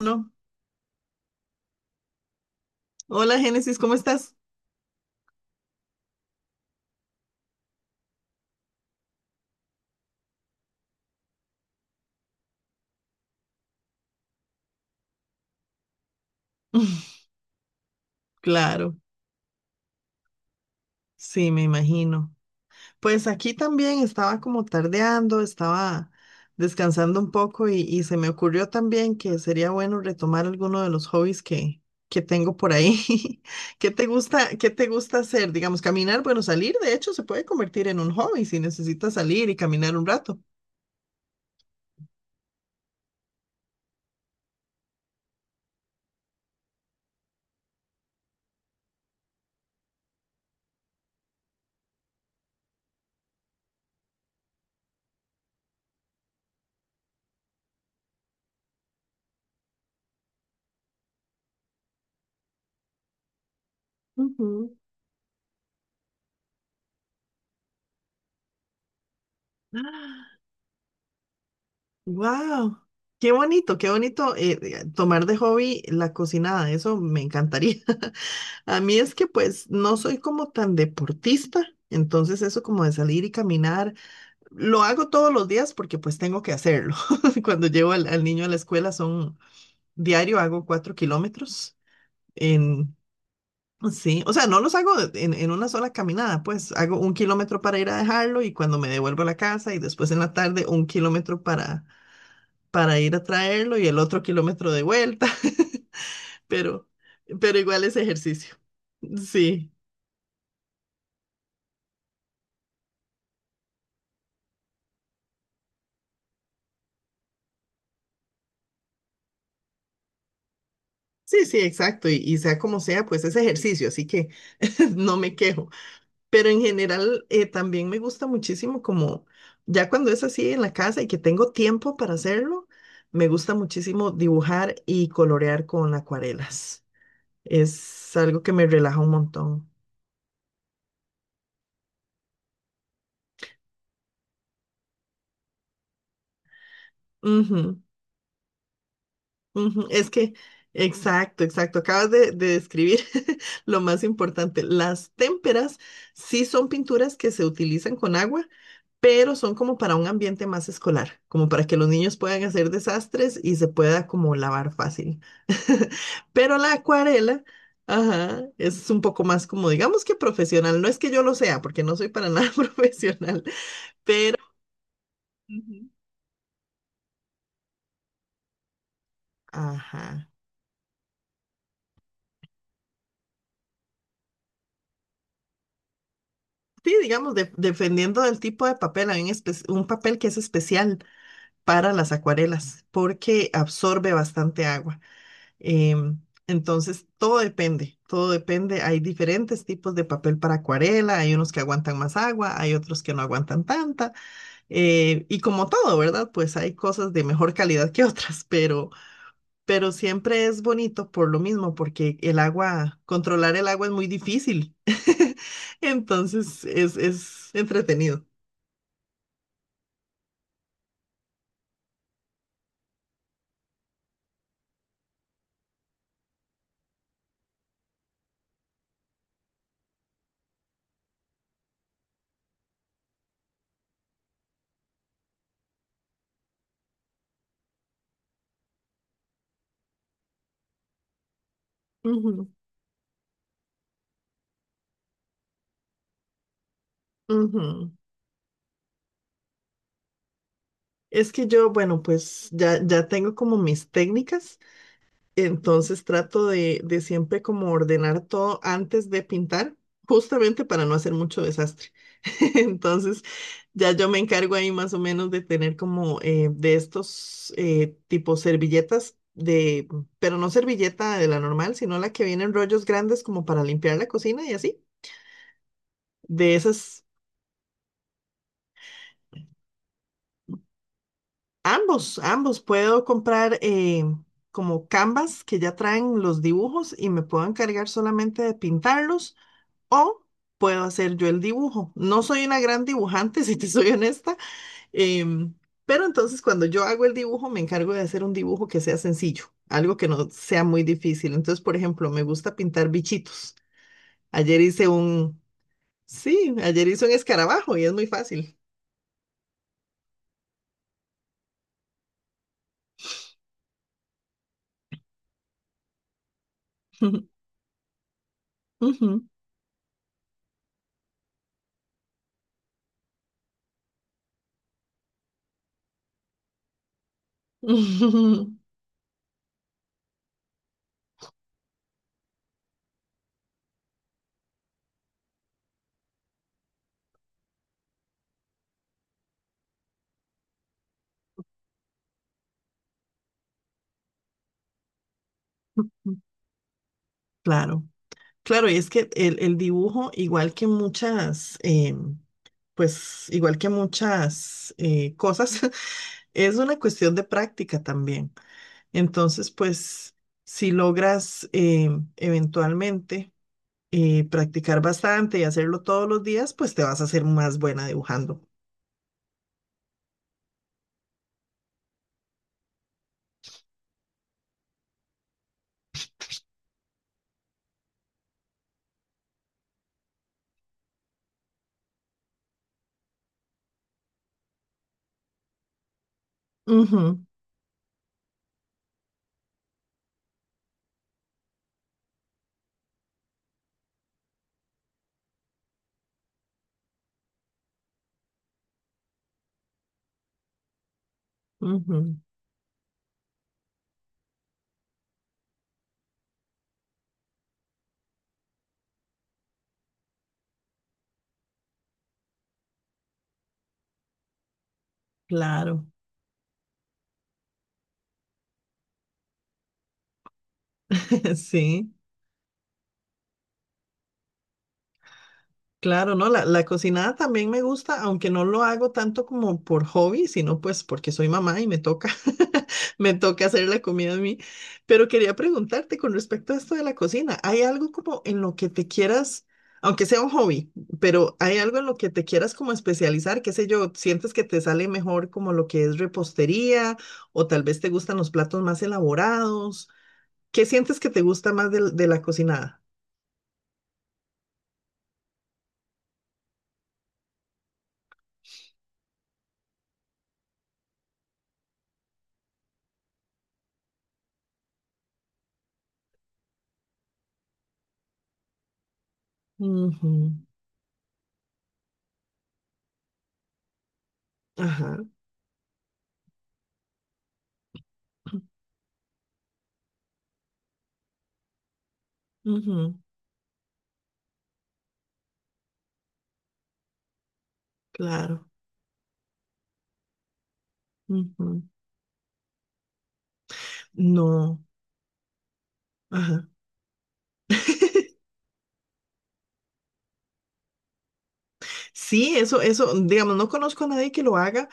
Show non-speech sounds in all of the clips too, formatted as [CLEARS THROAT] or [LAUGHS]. No. Hola Génesis, ¿cómo estás? [LAUGHS] Claro, sí, me imagino. Pues aquí también estaba como tardeando, estaba descansando un poco y se me ocurrió también que sería bueno retomar alguno de los hobbies que tengo por ahí. [LAUGHS] Qué te gusta hacer? Digamos, caminar, bueno, salir de hecho se puede convertir en un hobby si necesitas salir y caminar un rato. Ujú. Wow, qué bonito tomar de hobby la cocinada, eso me encantaría. [LAUGHS] A mí es que pues no soy como tan deportista, entonces eso como de salir y caminar, lo hago todos los días porque pues tengo que hacerlo. [LAUGHS] Cuando llevo al niño a la escuela son diario, hago 4 kilómetros en... Sí, o sea, no los hago en una sola caminada, pues hago 1 kilómetro para ir a dejarlo y cuando me devuelvo a la casa y después en la tarde 1 kilómetro para ir a traerlo y el otro kilómetro de vuelta, [LAUGHS] pero, pero igual es ejercicio. Sí, sí, sí, exacto. Y sea como sea, pues es ejercicio, así que [LAUGHS] no me quejo. Pero en general también me gusta muchísimo como ya cuando es así en la casa y que tengo tiempo para hacerlo, me gusta muchísimo dibujar y colorear con acuarelas. Es algo que me relaja un montón. Ujú. Ujú, es que, exacto, exacto. Acabas de describir [LAUGHS] lo más importante. Las témperas sí son pinturas que se utilizan con agua, pero son como para un ambiente más escolar, como para que los niños puedan hacer desastres y se pueda como lavar fácil. [LAUGHS] Pero la acuarela, ajá, es un poco más como, digamos que profesional. No es que yo lo sea, porque no soy para nada [LAUGHS] profesional, pero, ujú, ajá. Sí, digamos, dependiendo del tipo de papel, hay un, un papel que es especial para las acuarelas porque absorbe bastante agua. Em, entonces, todo depende, todo depende. Hay diferentes tipos de papel para acuarela, hay unos que aguantan más agua, hay otros que no aguantan tanta. Y como todo, ¿verdad? Pues hay cosas de mejor calidad que otras, pero siempre es bonito por lo mismo, porque el agua, controlar el agua es muy difícil. [LAUGHS] Entonces es entretenido. Ujú, ujú. Es que yo, bueno, pues ya, ya tengo como mis técnicas. Entonces trato de siempre como ordenar todo antes de pintar, justamente para no hacer mucho desastre. [LAUGHS] Entonces ya yo me encargo ahí más o menos de tener como de estos tipos servilletas de, pero no servilleta de la normal, sino la que viene en rollos grandes como para limpiar la cocina y así. De esas, ambos, ambos puedo comprar como canvas que ya traen los dibujos y me puedo encargar solamente de pintarlos. O puedo hacer yo el dibujo. No soy una gran dibujante, [LAUGHS] si te soy honesta, em, pero entonces cuando yo hago el dibujo me encargo de hacer un dibujo que sea sencillo, algo que no sea muy difícil. Entonces, por ejemplo, me gusta pintar bichitos. Ayer hice un, sí, ayer hice un escarabajo y es muy fácil. [LAUGHS] Ujú. Ujú. Claro, claro, y es que el dibujo, igual que muchas, em, pues igual que muchas cosas, [LAUGHS] es una cuestión de práctica también. Entonces, pues, si logras eventualmente practicar bastante y hacerlo todos los días, pues te vas a hacer más buena dibujando. Ujú, ujú, claro, [LAUGHS] sí. Claro, no, la cocinada también me gusta, aunque no lo hago tanto como por hobby, sino pues porque soy mamá y me toca, [LAUGHS] me toca hacer la comida a mí. Pero quería preguntarte con respecto a esto de la cocina, ¿hay algo como en lo que te quieras, aunque sea un hobby, pero hay algo en lo que te quieras como especializar? ¿Qué sé yo? ¿Sientes que te sale mejor como lo que es repostería o tal vez te gustan los platos más elaborados? ¿Qué sientes que te gusta más de la cocinada? Ujú, ajá. [CLEARS THROAT] ujú. Claro. Ujú. No. Ajá. Sí, eso, digamos, no conozco a nadie que lo haga,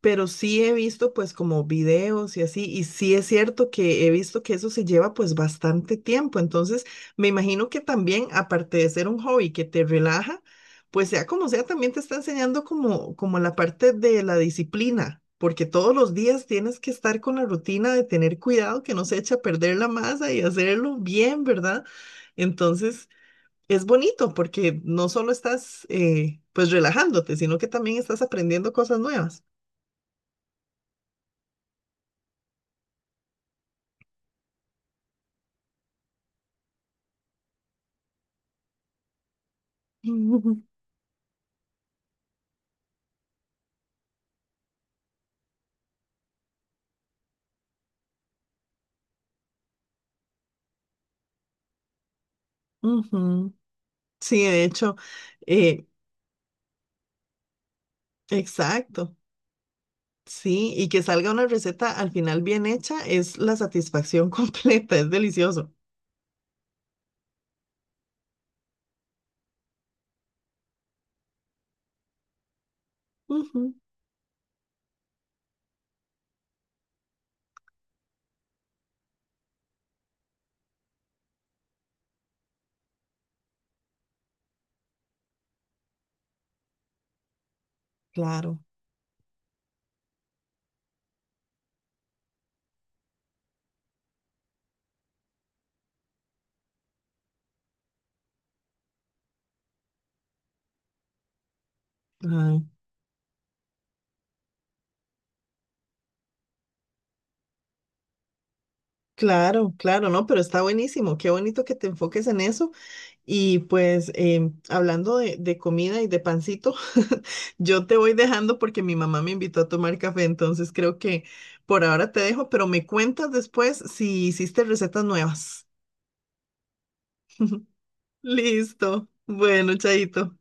pero sí he visto pues como videos y así, y sí es cierto que he visto que eso se lleva pues bastante tiempo, entonces me imagino que también, aparte de ser un hobby que te relaja, pues sea como sea, también te está enseñando como, como la parte de la disciplina, porque todos los días tienes que estar con la rutina de tener cuidado que no se eche a perder la masa y hacerlo bien, ¿verdad? Entonces... es bonito porque no solo estás, pues, relajándote, sino que también estás aprendiendo cosas nuevas. [LAUGHS] Ujú. Ujú. Sí, de hecho, eh, exacto. Sí, y que salga una receta al final bien hecha es la satisfacción [LAUGHS] completa, es delicioso. Ujú. Claro. Ay, claro, claro, no, pero está buenísimo. Qué bonito que te enfoques en eso. Y pues, em, hablando de comida y de pancito, [LAUGHS] yo te voy dejando porque mi mamá me invitó a tomar café, entonces creo que por ahora te dejo, pero me cuentas después si hiciste recetas nuevas. [LAUGHS] Listo. Bueno, chaito.